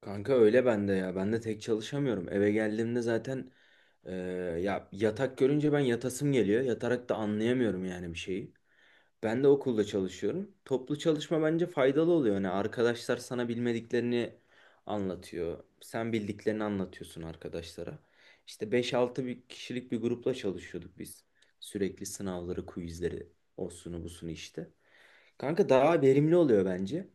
Kanka öyle bende ya. Ben de tek çalışamıyorum. Eve geldiğimde zaten e, ya yatak görünce ben yatasım geliyor. Yatarak da anlayamıyorum yani bir şeyi. Ben de okulda çalışıyorum. Toplu çalışma bence faydalı oluyor. Hani arkadaşlar sana bilmediklerini anlatıyor. Sen bildiklerini anlatıyorsun arkadaşlara. İşte beş altı bir kişilik bir grupla çalışıyorduk biz. Sürekli sınavları, quizleri, osunu busunu işte. Kanka daha verimli oluyor bence.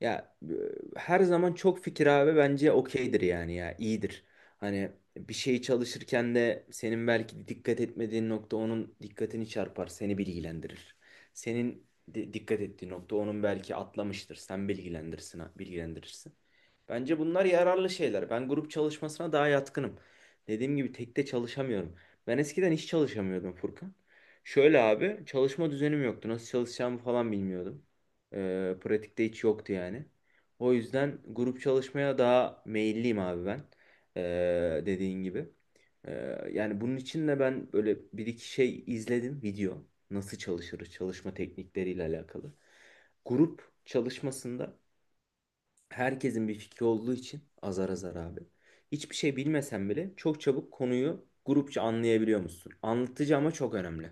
Ya her zaman çok fikir abi bence okeydir yani ya iyidir. Hani bir şeyi çalışırken de senin belki dikkat etmediğin nokta onun dikkatini çarpar, seni bilgilendirir. Senin dikkat ettiğin nokta onun belki atlamıştır. Sen bilgilendirirsin, bilgilendirirsin. Bence bunlar yararlı şeyler. Ben grup çalışmasına daha yatkınım. Dediğim gibi tekte çalışamıyorum. Ben eskiden hiç çalışamıyordum Furkan. Şöyle abi çalışma düzenim yoktu. Nasıl çalışacağımı falan bilmiyordum. Pratikte hiç yoktu yani. O yüzden grup çalışmaya daha meyilliyim abi ben. Dediğin gibi. Yani bunun için de ben böyle bir iki şey izledim video. Nasıl çalışırız çalışma teknikleriyle alakalı. Grup çalışmasında herkesin bir fikri olduğu için azar azar abi. Hiçbir şey bilmesen bile çok çabuk konuyu grupça anlayabiliyor musun? Anlatıcı ama çok önemli.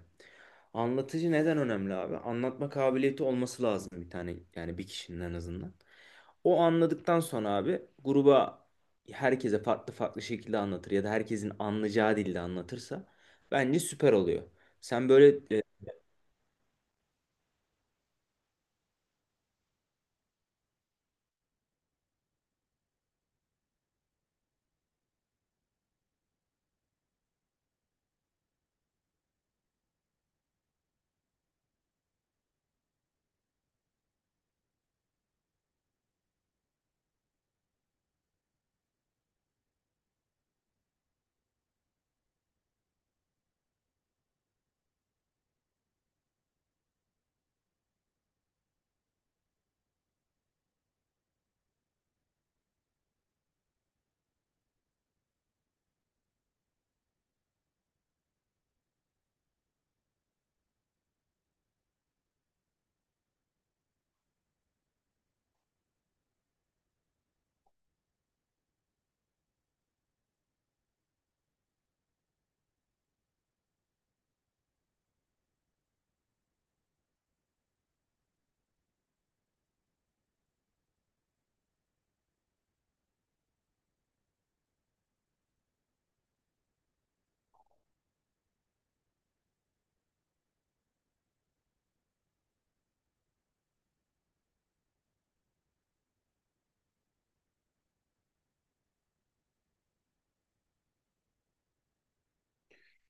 Anlatıcı neden önemli abi? Anlatma kabiliyeti olması lazım bir tane yani bir kişinin en azından. O anladıktan sonra abi gruba herkese farklı farklı şekilde anlatır ya da herkesin anlayacağı dilde anlatırsa bence süper oluyor. Sen böyle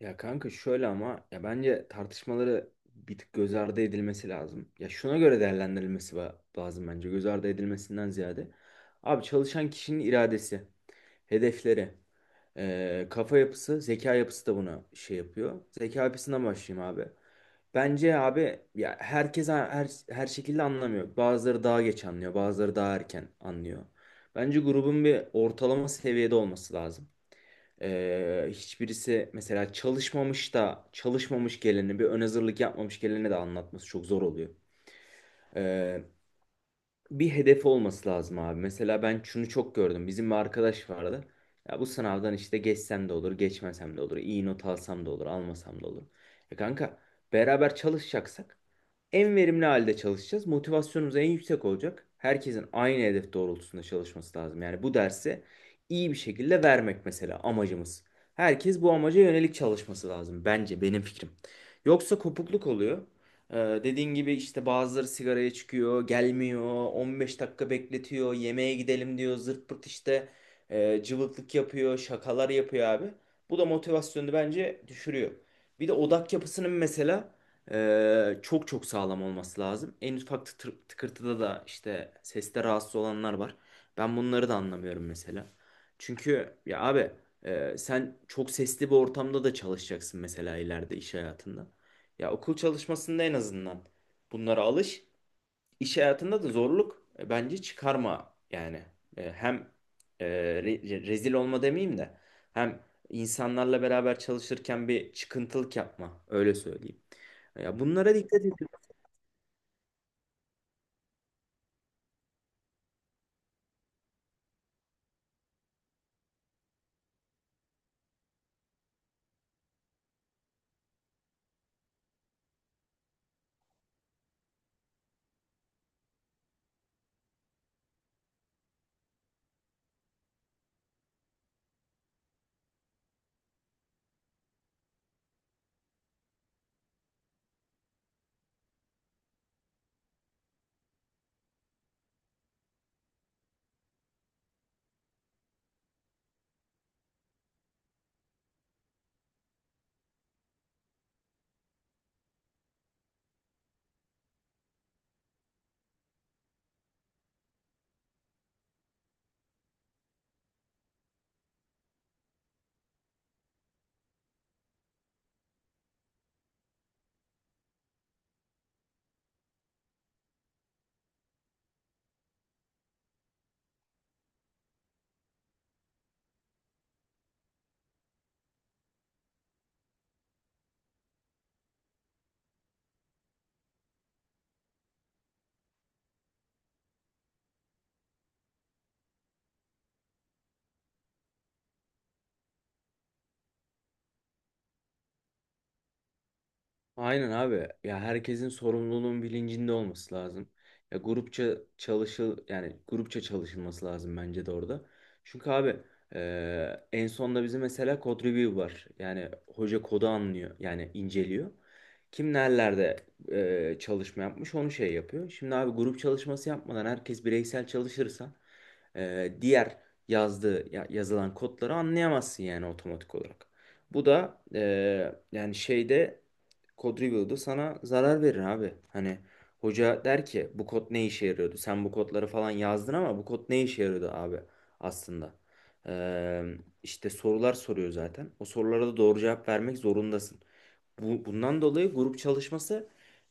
ya kanka şöyle ama ya bence tartışmaları bir tık göz ardı edilmesi lazım. Ya şuna göre değerlendirilmesi lazım bence göz ardı edilmesinden ziyade. Abi çalışan kişinin iradesi, hedefleri, kafa yapısı, zeka yapısı da buna şey yapıyor. Zeka yapısından başlayayım abi. Bence abi ya herkes her şekilde anlamıyor. Bazıları daha geç anlıyor, bazıları daha erken anlıyor. Bence grubun bir ortalama seviyede olması lazım. Hiçbirisi mesela çalışmamış da çalışmamış geleni bir ön hazırlık yapmamış geleni de anlatması çok zor oluyor. Ee, Bir hedef olması lazım abi. Mesela ben şunu çok gördüm. Bizim bir arkadaş vardı. Ya bu sınavdan işte geçsem de olur, geçmesem de olur, iyi not alsam da olur, almasam da olur. E kanka beraber çalışacaksak en verimli halde çalışacağız. Motivasyonumuz en yüksek olacak. Herkesin aynı hedef doğrultusunda çalışması lazım. Yani bu dersi iyi bir şekilde vermek mesela amacımız. Herkes bu amaca yönelik çalışması lazım bence benim fikrim. Yoksa kopukluk oluyor. Ee, Dediğin gibi işte bazıları sigaraya çıkıyor, gelmiyor, 15 dakika bekletiyor, yemeğe gidelim diyor, zırt pırt işte cıvıklık yapıyor, şakalar yapıyor abi. Bu da motivasyonu bence düşürüyor. Bir de odak yapısının mesela çok çok sağlam olması lazım. En ufak tıkırtıda da işte seste rahatsız olanlar var. Ben bunları da anlamıyorum mesela. Çünkü ya abi sen çok sesli bir ortamda da çalışacaksın mesela ileride iş hayatında. Ya okul çalışmasında en azından bunlara alış. İş hayatında da zorluk bence çıkarma yani. Hem e, rezil olma demeyeyim de hem insanlarla beraber çalışırken bir çıkıntılık yapma öyle söyleyeyim. Ya bunlara dikkat edin. Aynen abi. Ya herkesin sorumluluğunun bilincinde olması lazım. Ya grupça çalışılması lazım bence de orada. Çünkü abi en sonda bizim mesela code review var. Yani hoca kodu anlıyor. Yani inceliyor. Kim nerelerde çalışma yapmış onu şey yapıyor. Şimdi abi grup çalışması yapmadan herkes bireysel çalışırsa diğer yazılan kodları anlayamazsın yani otomatik olarak. Bu da e, yani şeyde kod review'da sana zarar verir abi. Hani hoca der ki bu kod ne işe yarıyordu? Sen bu kodları falan yazdın ama bu kod ne işe yarıyordu abi aslında? Ee, işte sorular soruyor zaten. O sorulara da doğru cevap vermek zorundasın. Bundan dolayı grup çalışması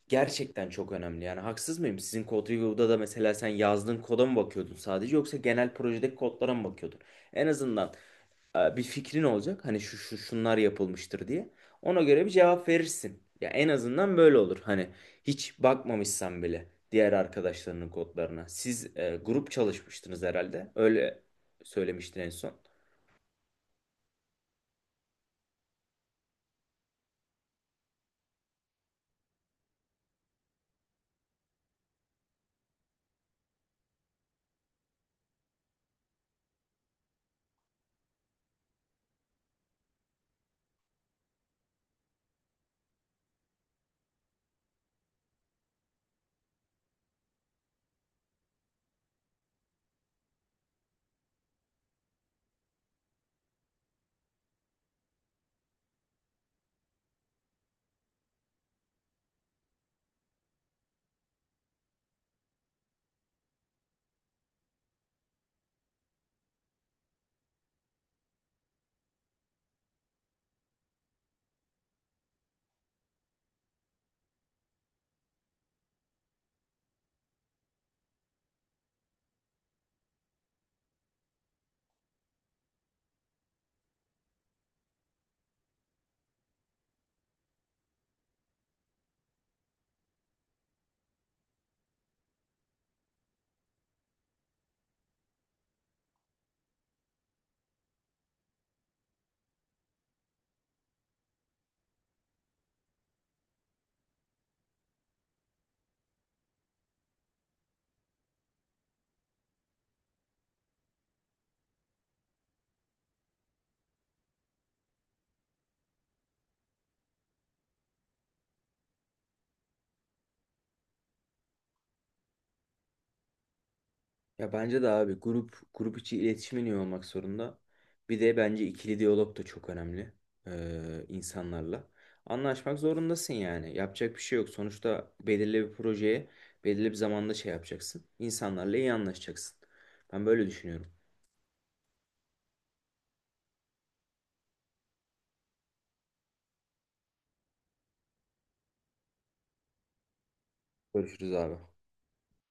gerçekten çok önemli. Yani haksız mıyım? Sizin kod review'da da mesela sen yazdığın koda mı bakıyordun sadece yoksa genel projedeki kodlara mı bakıyordun? En azından bir fikrin olacak. Hani şu şu şunlar yapılmıştır diye. Ona göre bir cevap verirsin. Ya en azından böyle olur. Hani hiç bakmamışsan bile diğer arkadaşlarının kodlarına. Siz grup çalışmıştınız herhalde. Öyle söylemiştin en son. Ya bence de abi grup içi iletişimin iyi olmak zorunda. Bir de bence ikili diyalog da çok önemli insanlarla. Anlaşmak zorundasın yani. Yapacak bir şey yok. Sonuçta belirli bir projeye belirli bir zamanda şey yapacaksın. İnsanlarla iyi anlaşacaksın. Ben böyle düşünüyorum. Görüşürüz abi.